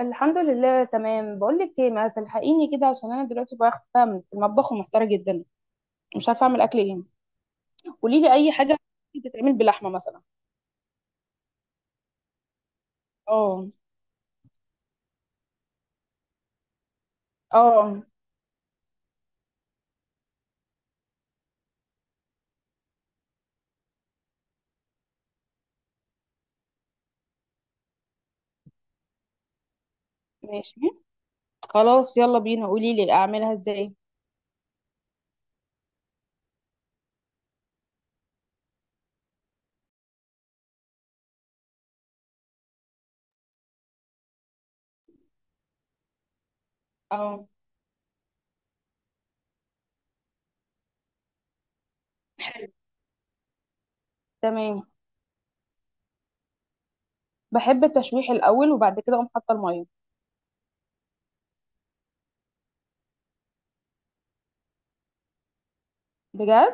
الحمد لله، تمام. بقول لك ايه، ما تلحقيني كده عشان انا دلوقتي واقفه في المطبخ ومحتاره جدا. مش عارفه اعمل اكل ايه. قولي لي اي حاجه بتتعمل بلحمه مثلا؟ اه. اه. ماشي. خلاص، يلا بينا، قولي لي اعملها ازاي. اه. حلو. تمام. بحب التشويح الاول وبعد كده اقوم حاطه الميه. بجد.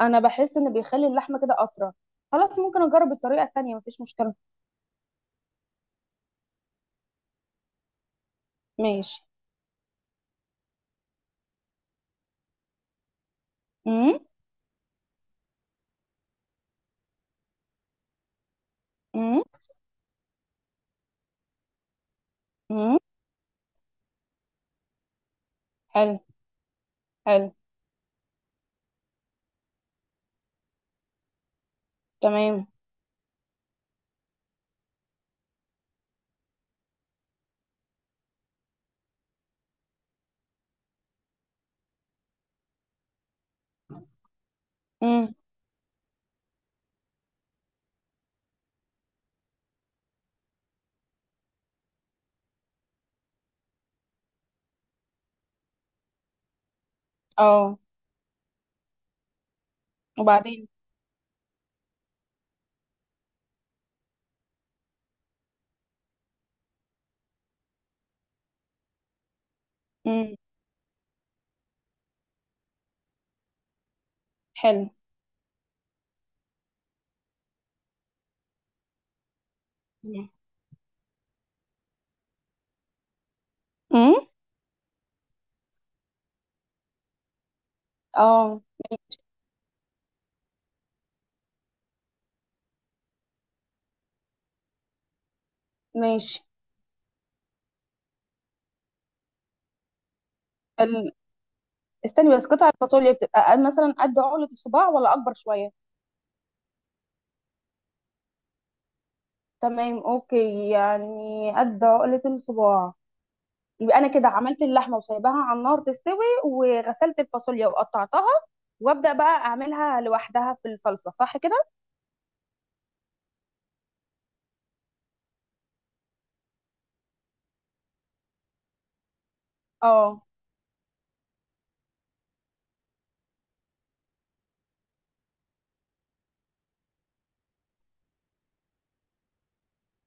انا بحس ان بيخلي اللحمه كده اطرى. خلاص، ممكن اجرب الطريقه التانية، مفيش مشكله. ماشي. امم. امم. امم. حلو. حلو. تمام. امم. اه. وبعدين. امم. حلو. مم. امم. اه. ماشي. ال... استني بس، قطع الفاصوليا بتبقى مثلا قد عقلة الصباع ولا اكبر شوية؟ تمام، اوكي، يعني قد عقلة الصباع. يبقى انا كده عملت اللحمة وسايباها على النار تستوي، وغسلت الفاصوليا وقطعتها، وابدا بقى اعملها لوحدها في الصلصة، صح كده؟ اه.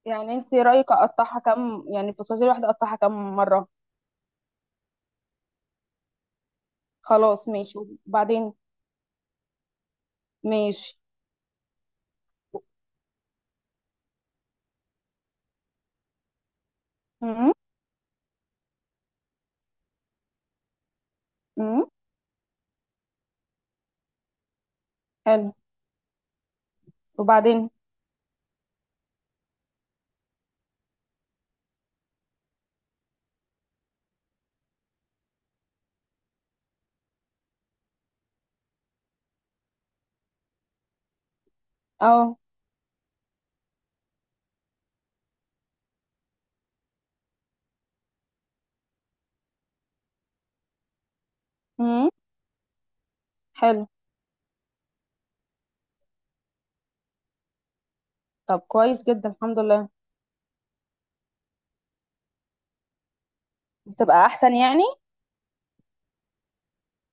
يعني انت رايك اقطعها كم؟ يعني الفاصوليا الواحدة اقطعها كم مرة؟ خلاص ماشي. وبعدين. ماشي. امم. امم. حلو. وبعدين. اه. امم. حلو. طب كويس جدا، الحمد لله. بتبقى احسن يعني.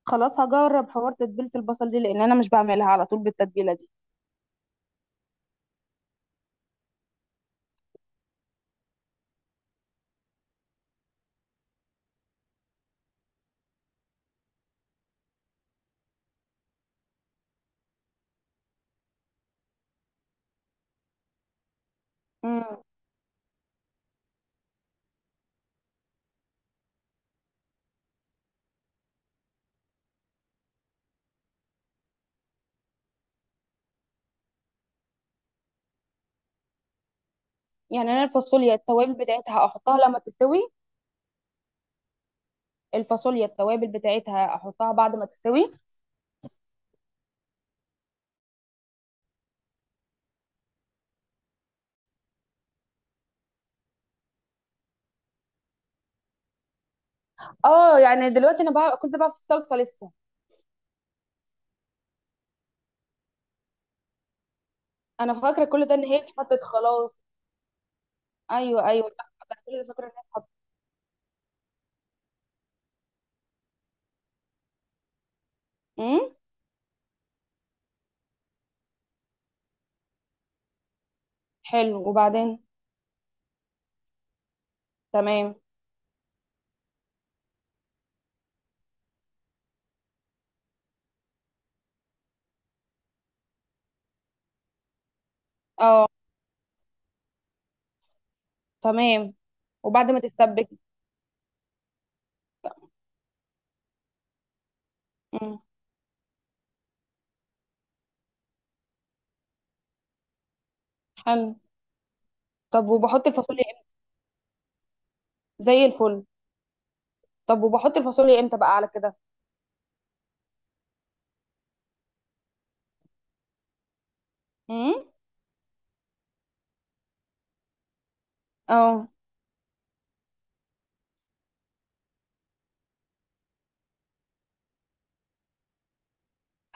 خلاص، هجرب حوار تتبيله البصل دي لان انا مش بعملها على طول بالتتبيله دي. امم. يعني انا الفاصوليا التوابل بتاعتها احطها لما تستوي؟ الفاصوليا التوابل بتاعتها احطها بعد ما تستوي؟ اه، يعني دلوقتي انا بقى كنت بقى في الصلصه لسه؟ انا فاكره كل ده ان هي اتحطت خلاص. ايوه، ايوه، لا. أنا كل ده فاكره ان هي اتحطت. امم. حلو، وبعدين. تمام. اه. تمام. وبعد ما تتسبك؟ امم. حلو. طب وبحط الفاصوليا؟ زي الفل. طب وبحط الفاصوليا امتى بقى على كده؟ امم. اه.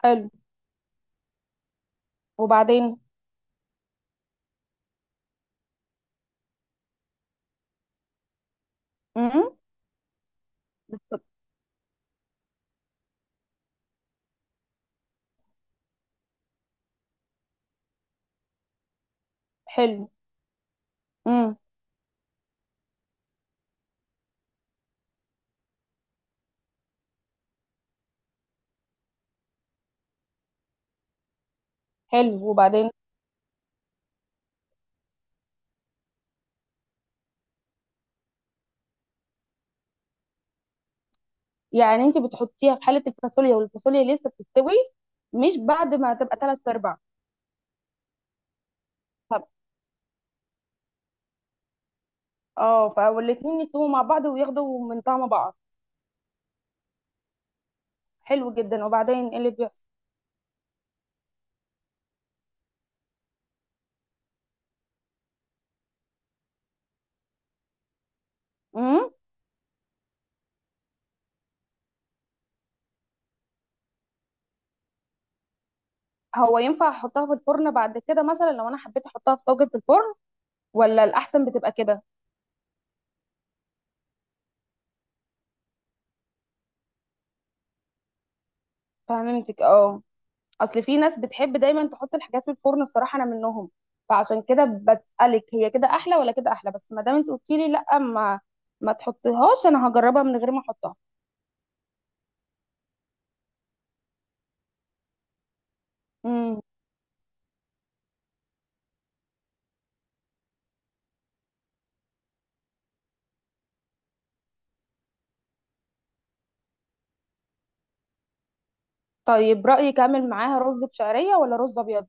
حلو، وبعدين. امم. حلو. امم. حلو، وبعدين. يعني انت بتحطيها في حاله الفاصوليا والفاصوليا لسه بتستوي، مش بعد ما تبقى ثلاث ارباع؟ طب. اه، فالاتنين يستووا مع بعض وياخدوا من طعم بعض. حلو جدا، وبعدين ايه اللي بيحصل؟ امم. هو ينفع احطها في الفرن بعد كده مثلا لو انا حبيت احطها في طاجن في الفرن، ولا الاحسن بتبقى كده؟ فهمتك، اه. اصل في ناس بتحب دايما تحط الحاجات في الفرن، الصراحه انا منهم، فعشان كده بسألك هي كده احلى ولا كده احلى. بس ما دام انت قلتي لي لا، ما تحطيهاش، انا هجربها من غير ما احطها. امم. طيب، رأيك اعمل معاها رز بشعرية ولا رز ابيض؟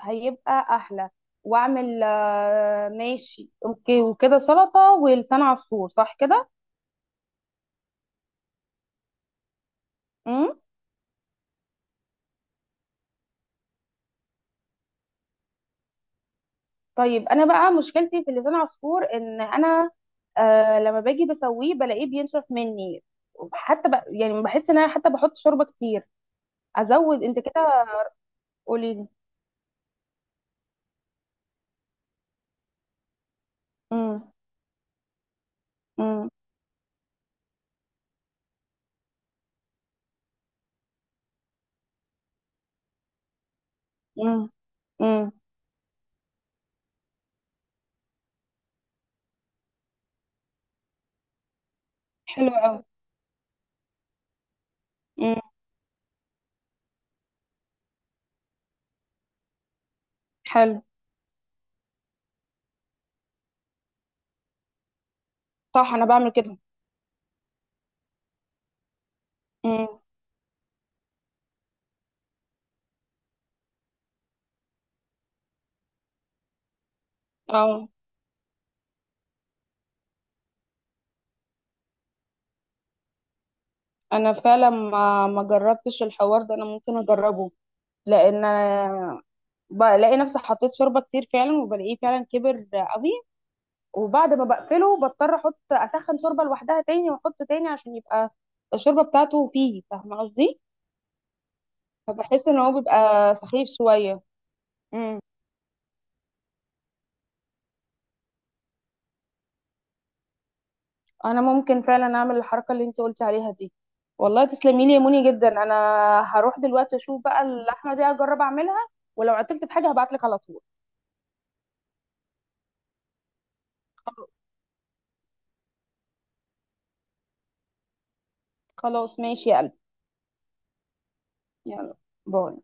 هيبقى احلى. واعمل ماشي، اوكي، وكده سلطة ولسان عصفور، صح كده؟ طيب انا بقى مشكلتي في اللسان عصفور ان انا، لما باجي بسويه بلاقيه بينشف مني. حتى يعني بحس ان انا حتى بحط شوربه كتير. ازود انت كده؟ قولي لي. امم. امم. امم. امم. حلو قوي. امم. حلو. صح، انا بعمل كده. امم. اه. انا فعلا ما جربتش الحوار ده، انا ممكن اجربه. لان انا بلاقي نفسي حطيت شوربه كتير فعلا، وبلاقيه فعلا كبر قوي. وبعد ما بقفله بضطر احط، اسخن شوربه لوحدها تاني واحط تاني عشان يبقى الشوربه بتاعته فيه، فاهمه قصدي؟ فبحس ان هو بيبقى سخيف شويه. امم. انا ممكن فعلا اعمل الحركه اللي انت قلتي عليها دي. والله تسلمي لي يا موني جدا. انا هروح دلوقتي اشوف بقى اللحمه دي، اجرب اعملها. ولو عطلت في حاجه هبعت لك على طول. خلاص ماشي يا قلبي. يلا. باي.